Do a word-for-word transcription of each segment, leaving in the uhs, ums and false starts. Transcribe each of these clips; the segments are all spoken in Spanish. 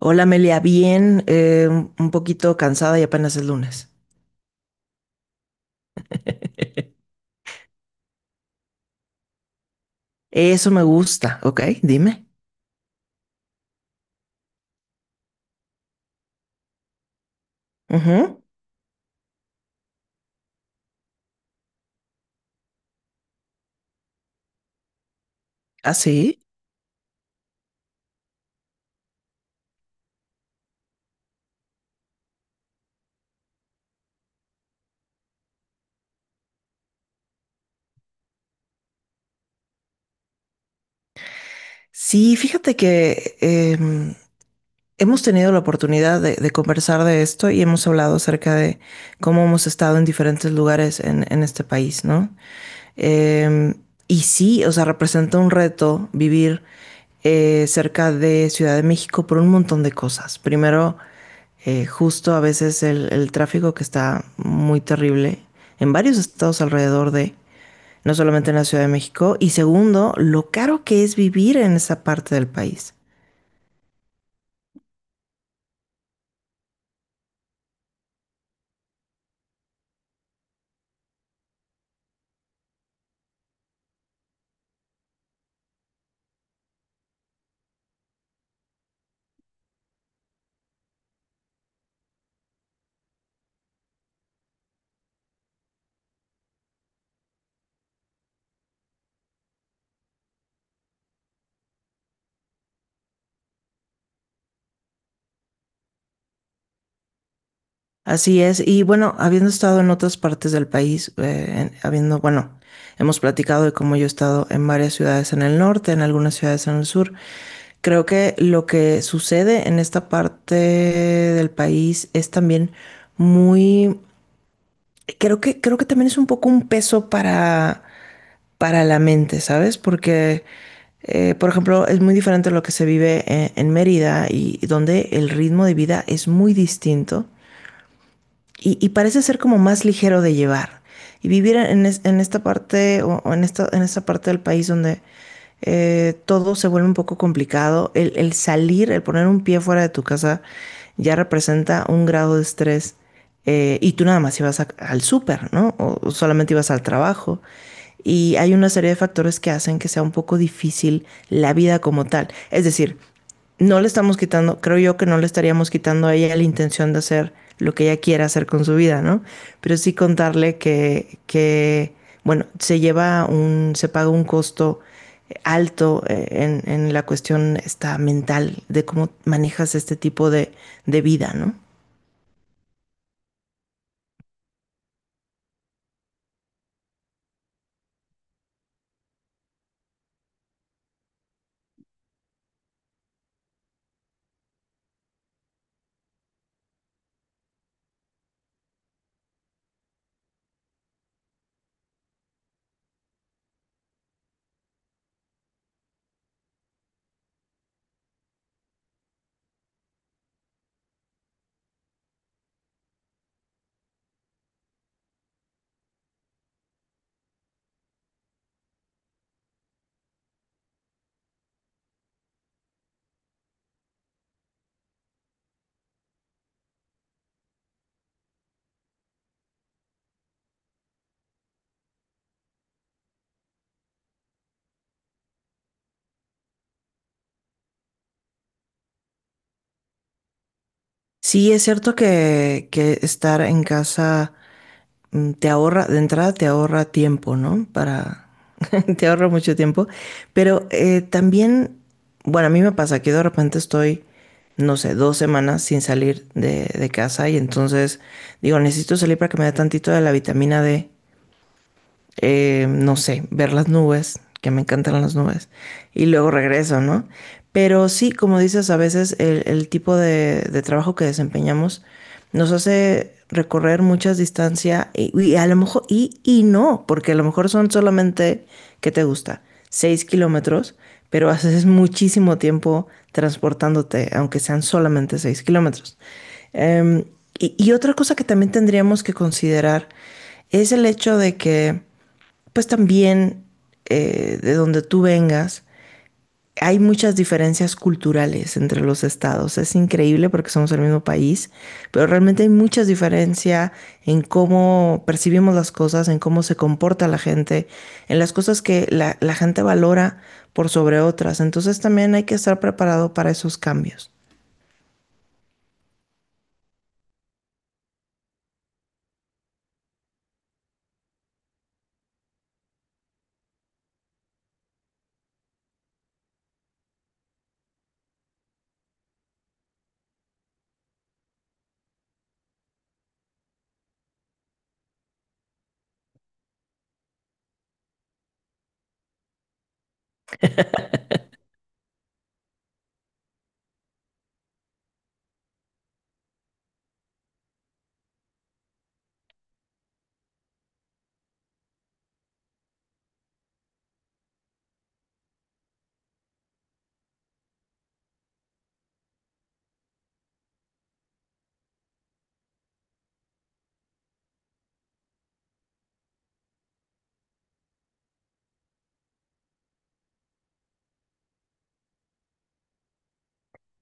Hola Amelia, bien, eh, un poquito cansada y apenas es lunes. Eso me gusta, ok, dime. Ujú. ¿Ah, sí? Sí, fíjate que em, hemos tenido la oportunidad de, de conversar de esto y hemos hablado acerca de cómo hemos estado en diferentes lugares en, en este país, ¿no? Em, y sí, o sea, representa un reto vivir eh, cerca de Ciudad de México por un montón de cosas. Primero, eh, justo a veces el, el tráfico que está muy terrible en varios estados alrededor de, no solamente en la Ciudad de México, y segundo, lo caro que es vivir en esa parte del país. Así es, y bueno, habiendo estado en otras partes del país, eh, en- habiendo, bueno, hemos platicado de cómo yo he estado en varias ciudades en el norte, en algunas ciudades en el sur, creo que lo que sucede en esta parte del país es también muy. Creo que, creo que también es un poco un peso para, para la mente, ¿sabes? Porque, eh, por ejemplo, es muy diferente lo que se vive en, en Mérida y, y donde el ritmo de vida es muy distinto y, y parece ser como más ligero de llevar. Y vivir en, es- en esta parte o, o en esta, en esta parte del país donde eh, todo se vuelve un poco complicado, el, el salir, el poner un pie fuera de tu casa ya representa un grado de estrés. eh, y tú nada más ibas a- al súper, ¿no? O, o solamente ibas al trabajo. Y hay una serie de factores que hacen que sea un poco difícil la vida como tal. Es decir, no le estamos quitando, creo yo que no le estaríamos quitando a ella la intención de hacer lo que ella quiera hacer con su vida, ¿no? Pero sí contarle que, que bueno, se lleva un, se paga un costo alto eh, en, en la cuestión esta mental de cómo manejas este tipo de, de vida, ¿no? Sí, es cierto que, que estar en casa mm, te ahorra, de entrada te ahorra tiempo, ¿no? Para, te ahorra mucho tiempo, pero eh, también, bueno, a mí me pasa que de repente estoy, no sé, dos semanas sin salir de, de casa y entonces digo, necesito salir para que me dé tantito de la vitamina D eh, no sé, ver las nubes, que me encantan las nubes, y luego regreso, ¿no? Pero sí, como dices, a veces el, el tipo de, de trabajo que desempeñamos nos hace recorrer muchas distancias y, y a lo mejor, y, y no, porque a lo mejor son solamente, ¿qué te gusta? Seis kilómetros, pero haces muchísimo tiempo transportándote, aunque sean solamente seis kilómetros. Em, y, y otra cosa que también tendríamos que considerar es el hecho de que pues también eh, de donde tú vengas, hay muchas diferencias culturales entre los estados. Es increíble porque somos el mismo país, pero realmente hay muchas diferencia en cómo percibimos las cosas, en cómo se comporta la gente, en las cosas que la, la gente valora por sobre otras. Entonces también hay que estar preparado para esos cambios.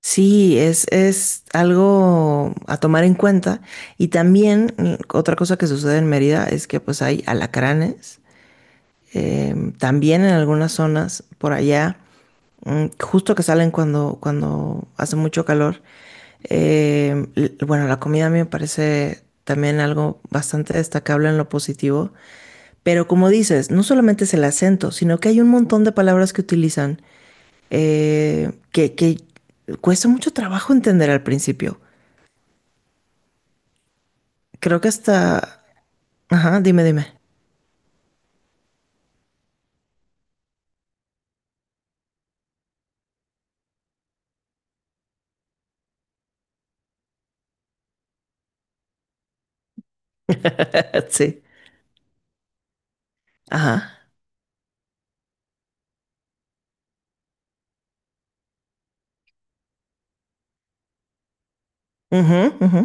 Sí, es, es algo a tomar en cuenta. Y también mm, otra cosa que sucede en Mérida es que pues hay alacranes eh, también en algunas zonas por allá, mm, justo que salen cuando, cuando hace mucho calor. Eh, l- bueno, la comida a mí me parece también algo bastante destacable en lo positivo, pero como dices, no solamente es el acento, sino que hay un montón de palabras que utilizan eh, que, que cuesta mucho trabajo entender al principio. Creo que hasta. Ajá, dime, dime. Sí. Ajá. Ujú, ujú.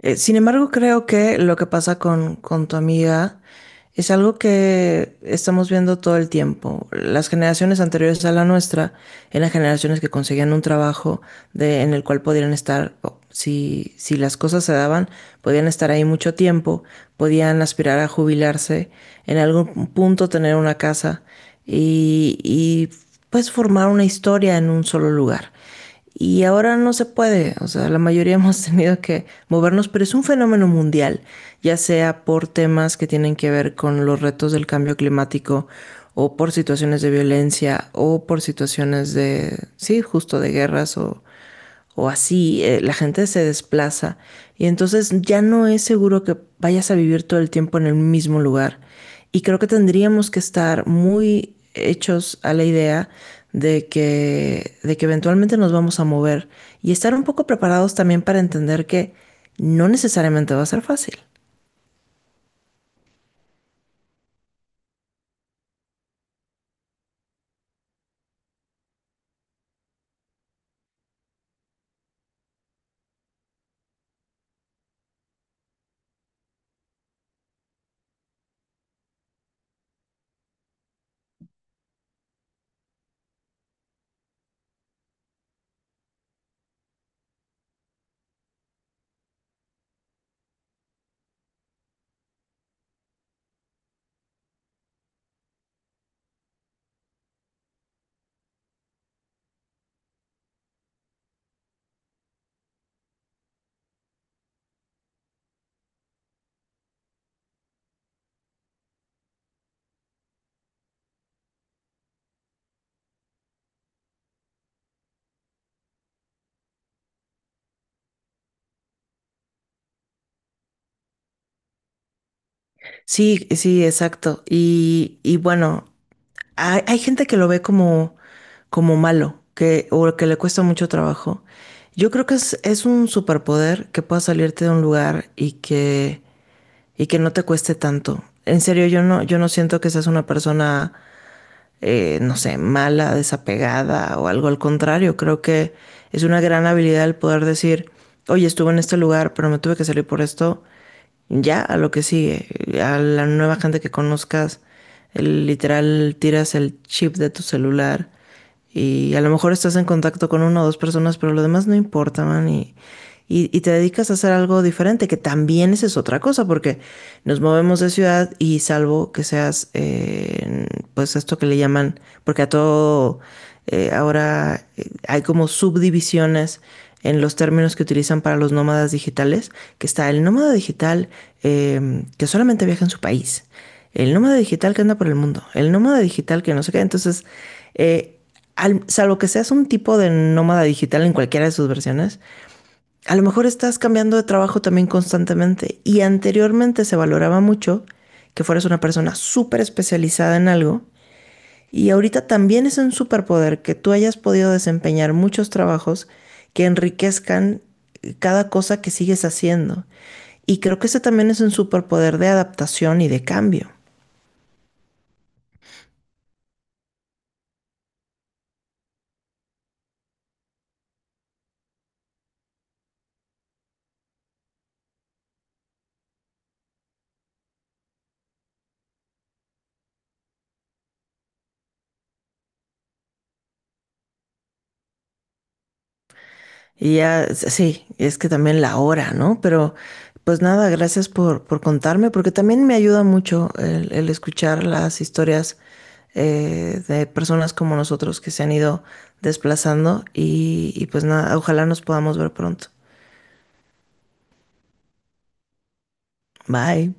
Eh, sin embargo, creo que lo que pasa con, con tu amiga es algo que estamos viendo todo el tiempo. Las generaciones anteriores a la nuestra eran generaciones que conseguían un trabajo de, en el cual podían estar, o, si, si las cosas se daban, podían estar ahí mucho tiempo, podían aspirar a jubilarse en algún punto tener una casa y, y pues formar una historia en un solo lugar. Y ahora no se puede, o sea, la mayoría hemos tenido que movernos, pero es un fenómeno mundial, ya sea por temas que tienen que ver con los retos del cambio climático o por situaciones de violencia o por situaciones de, sí, justo de guerras o, o así, eh, la gente se desplaza y entonces ya no es seguro que vayas a vivir todo el tiempo en el mismo lugar. Y creo que tendríamos que estar muy hechos a la idea de que, de que eventualmente nos vamos a mover y estar un poco preparados también para entender que no necesariamente va a ser fácil. Sí, sí, exacto. Y, y bueno, Hay, hay gente que lo ve como, como malo, que, o que le cuesta mucho trabajo. Yo creo que es, es un superpoder que pueda salirte de un lugar y que, y que no te cueste tanto. En serio, yo no, yo no siento que seas una persona eh, no sé, mala, desapegada o algo al contrario. Creo que es una gran habilidad el poder decir, oye, estuve en este lugar, pero me tuve que salir por esto. Ya, a lo que sigue, a la nueva gente que conozcas, el- literal tiras el chip de tu celular y a lo mejor estás en contacto con una o dos personas, pero lo demás no importa, man, y, y, y te dedicas a hacer algo diferente, que también esa es otra cosa, porque nos movemos de ciudad y salvo que seas, eh, pues esto que le llaman, porque a todo, eh, ahora eh, hay como subdivisiones en los términos que utilizan para los nómadas digitales, que está el nómada digital eh, que solamente viaja en su país el nómada digital que anda por el mundo, el nómada digital que no sé qué. Entonces, eh, al- salvo que seas un tipo de nómada digital en cualquiera de sus versiones, a lo mejor estás cambiando de trabajo también constantemente. Y anteriormente se valoraba mucho que fueras una persona súper especializada en algo. Y ahorita también es un superpoder que tú hayas podido desempeñar muchos trabajos que enriquezcan cada cosa que sigues haciendo. Y creo que ese también es un superpoder de adaptación y de cambio. Y ya, s- sí, es que también la hora, ¿no? Pero pues nada, gracias por, por contarme, porque también me ayuda mucho el, el escuchar las historias eh, de personas como nosotros que se han ido desplazando y, y pues nada, ojalá nos podamos ver pronto. Bye.